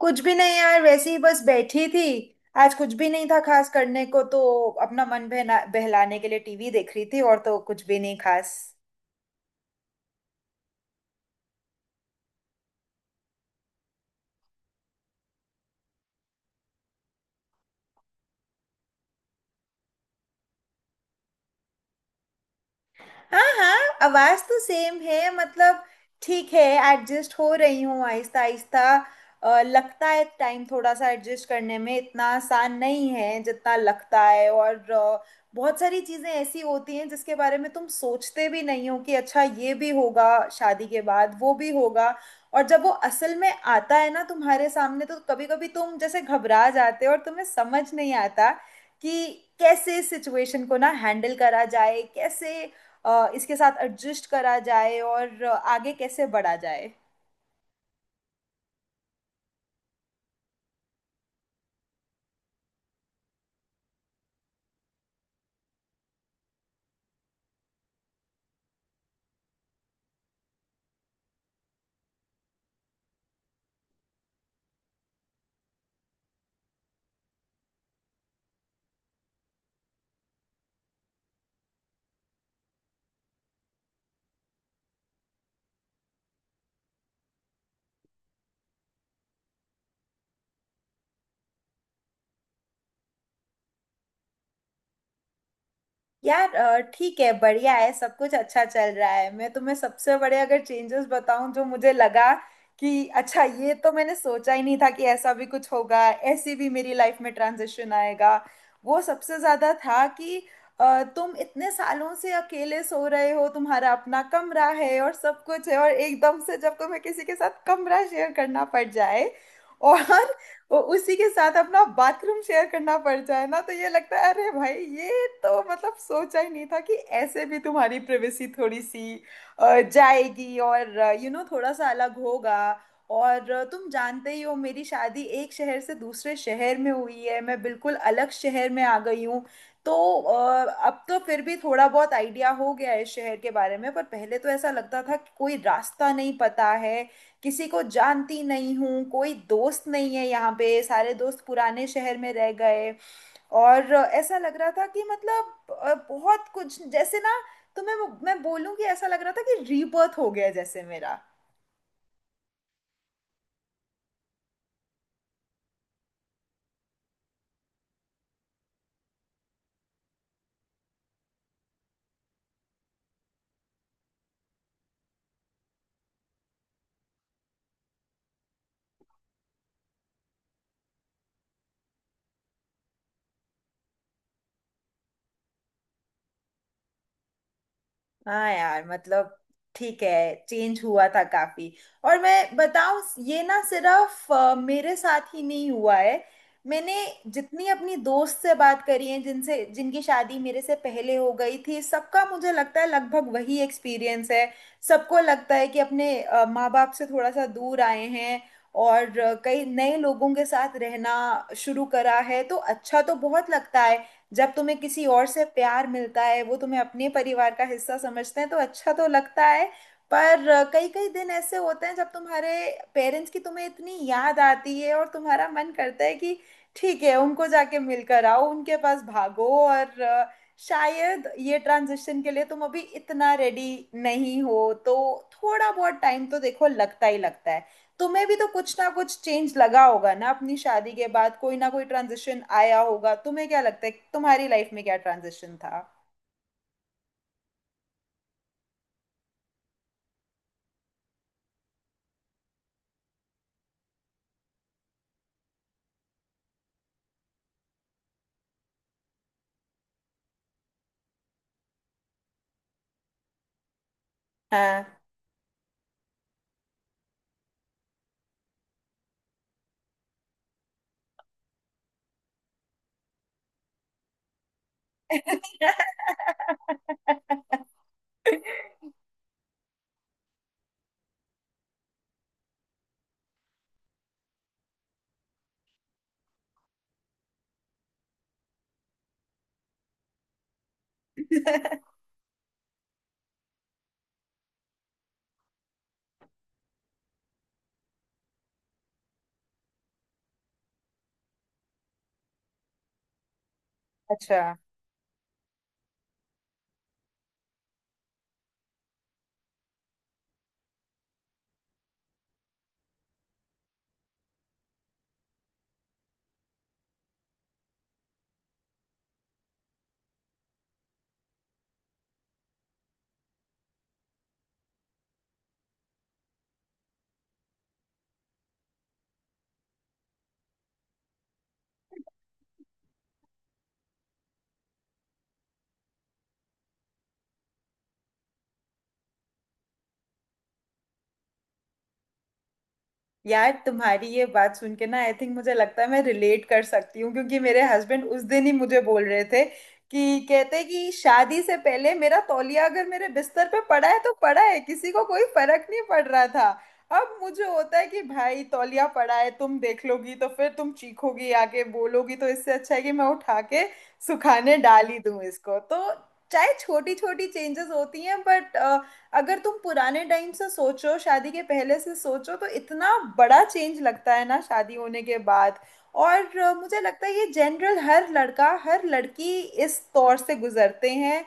कुछ भी नहीं यार, वैसे ही बस बैठी थी। आज कुछ भी नहीं था खास करने को, तो अपना मन बहना बहलाने के लिए टीवी देख रही थी, और तो कुछ भी नहीं खास। हाँ हाँ, आवाज तो सेम है। मतलब ठीक है, एडजस्ट हो रही हूँ आहिस्ता आहिस्ता। लगता है टाइम थोड़ा सा एडजस्ट करने में इतना आसान नहीं है जितना लगता है। और बहुत सारी चीजें ऐसी होती हैं जिसके बारे में तुम सोचते भी नहीं हो कि अच्छा ये भी होगा, शादी के बाद वो भी होगा। और जब वो असल में आता है ना तुम्हारे सामने, तो कभी कभी तुम जैसे घबरा जाते हो और तुम्हें समझ नहीं आता कि कैसे सिचुएशन को ना हैंडल करा जाए, कैसे इसके साथ एडजस्ट करा जाए और आगे कैसे बढ़ा जाए। यार ठीक है, बढ़िया है, सब कुछ अच्छा चल रहा है। मैं तुम्हें सबसे बड़े अगर चेंजेस बताऊं जो मुझे लगा कि अच्छा ये तो मैंने सोचा ही नहीं था कि ऐसा भी कुछ होगा, ऐसी भी मेरी लाइफ में ट्रांजिशन आएगा। वो सबसे ज़्यादा था कि तुम इतने सालों से अकेले सो रहे हो, तुम्हारा अपना कमरा है और सब कुछ है, और एकदम से जब तुम्हें किसी के साथ कमरा शेयर करना पड़ जाए और उसी के साथ अपना बाथरूम शेयर करना पड़ जाए ना, तो ये लगता है अरे भाई ये तो मतलब सोचा ही नहीं था कि ऐसे भी तुम्हारी प्राइवेसी थोड़ी सी जाएगी। और थोड़ा सा अलग होगा। और तुम जानते ही हो मेरी शादी एक शहर से दूसरे शहर में हुई है, मैं बिल्कुल अलग शहर में आ गई हूँ। तो अब तो फिर भी थोड़ा बहुत आइडिया हो गया है इस शहर के बारे में, पर पहले तो ऐसा लगता था कि कोई रास्ता नहीं पता है, किसी को जानती नहीं हूँ, कोई दोस्त नहीं है यहाँ पे, सारे दोस्त पुराने शहर में रह गए। और ऐसा लग रहा था कि मतलब बहुत कुछ जैसे ना, तो मैं बोलूँ कि ऐसा लग रहा था कि रीबर्थ हो गया जैसे मेरा। हाँ यार मतलब ठीक है, चेंज हुआ था काफी। और मैं बताऊं, ये ना सिर्फ मेरे साथ ही नहीं हुआ है। मैंने जितनी अपनी दोस्त से बात करी है जिनसे जिनकी शादी मेरे से पहले हो गई थी, सबका मुझे लगता है लगभग वही एक्सपीरियंस है। सबको लगता है कि अपने माँ बाप से थोड़ा सा दूर आए हैं, और कई नए लोगों के साथ रहना शुरू करा है, तो अच्छा तो बहुत लगता है। जब तुम्हें किसी और से प्यार मिलता है, वो तुम्हें अपने परिवार का हिस्सा समझते हैं, तो अच्छा तो लगता है। पर कई कई दिन ऐसे होते हैं जब तुम्हारे पेरेंट्स की तुम्हें इतनी याद आती है और तुम्हारा मन करता है कि ठीक है उनको जाके मिलकर आओ, उनके पास भागो। और शायद ये ट्रांजिशन के लिए तुम अभी इतना रेडी नहीं हो, तो थोड़ा बहुत टाइम तो देखो लगता ही लगता है। तुम्हें भी तो कुछ ना कुछ चेंज लगा होगा ना अपनी शादी के बाद, कोई ना कोई ट्रांजिशन आया होगा। तुम्हें क्या लगता है कि तुम्हारी लाइफ में क्या ट्रांजिशन था? हाँ अच्छा। यार तुम्हारी ये बात सुन के ना, आई थिंक मुझे लगता है मैं रिलेट कर सकती हूँ क्योंकि मेरे हस्बैंड उस दिन ही मुझे बोल रहे थे, कि कहते कि शादी से पहले मेरा तौलिया अगर मेरे बिस्तर पे पड़ा है तो पड़ा है, किसी को कोई फर्क नहीं पड़ रहा था। अब मुझे होता है कि भाई तौलिया पड़ा है, तुम देख लोगी तो फिर तुम चीखोगी आके बोलोगी, तो इससे अच्छा है कि मैं उठा के सुखाने डाल ही दूं इसको। तो चाहे छोटी छोटी चेंजेस होती हैं, बट अगर तुम पुराने टाइम से सोचो, शादी के पहले से सोचो, तो इतना बड़ा चेंज लगता है ना शादी होने के बाद। और मुझे लगता है ये जनरल, हर लड़का हर लड़की इस दौर से गुजरते हैं।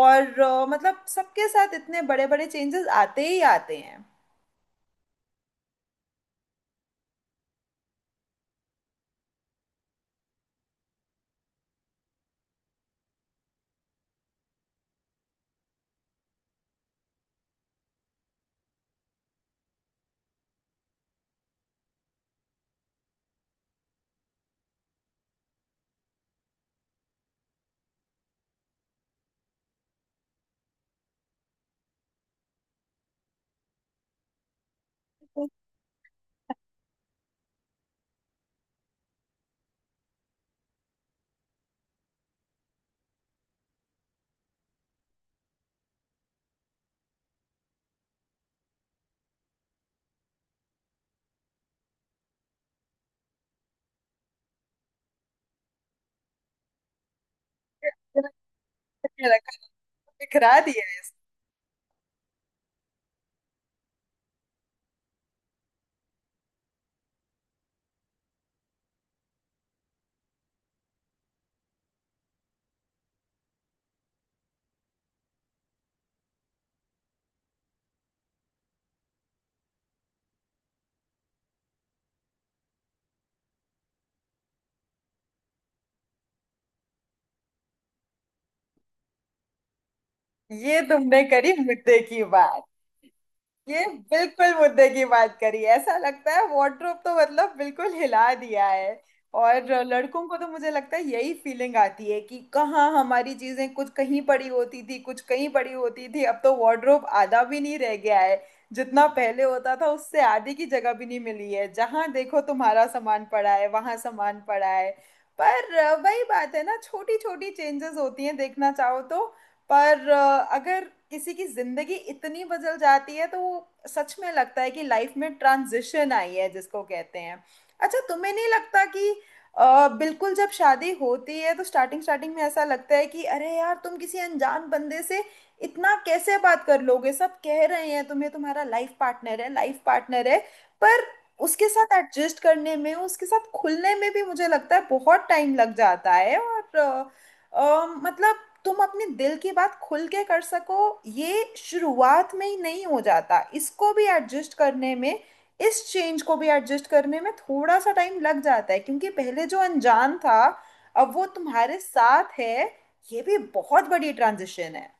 और मतलब सबके साथ इतने बड़े बड़े चेंजेस आते ही आते हैं। बिखरा दिया इस- ये तुमने करी मुद्दे की बात। ये बिल्कुल मुद्दे की बात करी। ऐसा लगता है वार्डरोब तो मतलब बिल्कुल हिला दिया है। और लड़कों को तो मुझे लगता है यही फीलिंग आती है कि कहाँ हमारी चीजें, कुछ कहीं पड़ी होती थी कुछ कहीं पड़ी होती थी, अब तो वार्डरोब आधा भी नहीं रह गया है। जितना पहले होता था उससे आधी की जगह भी नहीं मिली है, जहां देखो तुम्हारा सामान पड़ा है वहां सामान पड़ा है। पर वही बात है ना, छोटी छोटी चेंजेस होती हैं देखना चाहो तो। पर अगर किसी की जिंदगी इतनी बदल जाती है तो वो सच में लगता है कि लाइफ में ट्रांजिशन आई है जिसको कहते हैं। अच्छा तुम्हें नहीं लगता कि बिल्कुल जब शादी होती है तो स्टार्टिंग स्टार्टिंग में ऐसा लगता है कि अरे यार तुम किसी अनजान बंदे से इतना कैसे बात कर लोगे, सब कह रहे हैं तुम्हें तुम्हारा लाइफ पार्टनर है लाइफ पार्टनर है। पर उसके साथ एडजस्ट करने में, उसके साथ खुलने में भी मुझे लगता है बहुत टाइम लग जाता है। और मतलब तुम अपने दिल की बात खुल के कर सको, ये शुरुआत में ही नहीं हो जाता, इसको भी एडजस्ट करने में, इस चेंज को भी एडजस्ट करने में थोड़ा सा टाइम लग जाता है क्योंकि पहले जो अनजान था अब वो तुम्हारे साथ है। ये भी बहुत बड़ी ट्रांजिशन है।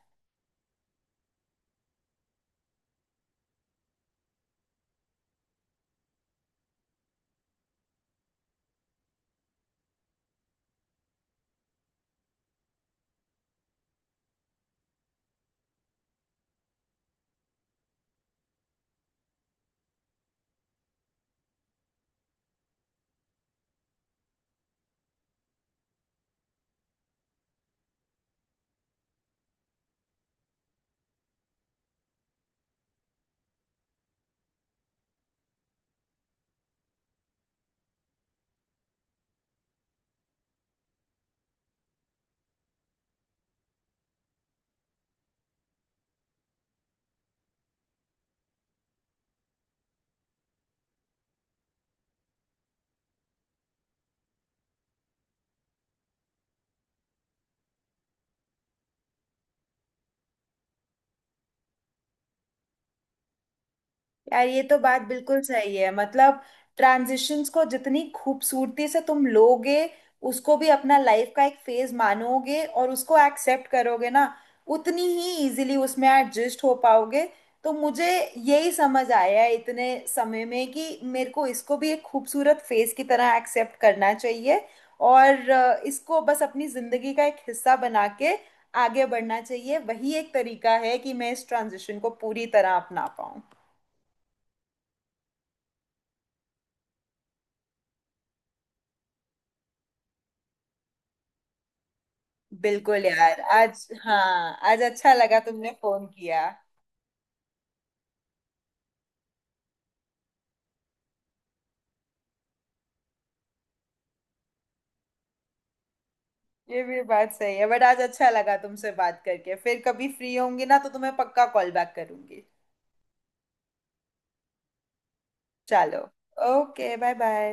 यार ये तो बात बिल्कुल सही है मतलब, ट्रांजिशंस को जितनी खूबसूरती से तुम लोगे, उसको भी अपना लाइफ का एक फेज मानोगे और उसको एक्सेप्ट करोगे ना, उतनी ही इजीली उसमें एडजस्ट हो पाओगे। तो मुझे यही समझ आया है इतने समय में कि मेरे को इसको भी एक खूबसूरत फेज की तरह एक्सेप्ट करना चाहिए। और इसको बस अपनी जिंदगी का एक हिस्सा बना के आगे बढ़ना चाहिए, वही एक तरीका है कि मैं इस ट्रांजिशन को पूरी तरह अपना पाऊँ। बिल्कुल यार, आज हाँ आज अच्छा लगा तुमने फोन किया। ये भी बात सही है बट आज अच्छा लगा तुमसे बात करके। फिर कभी फ्री होंगी ना तो तुम्हें पक्का कॉल बैक करूंगी। चलो, ओके, बाय बाय।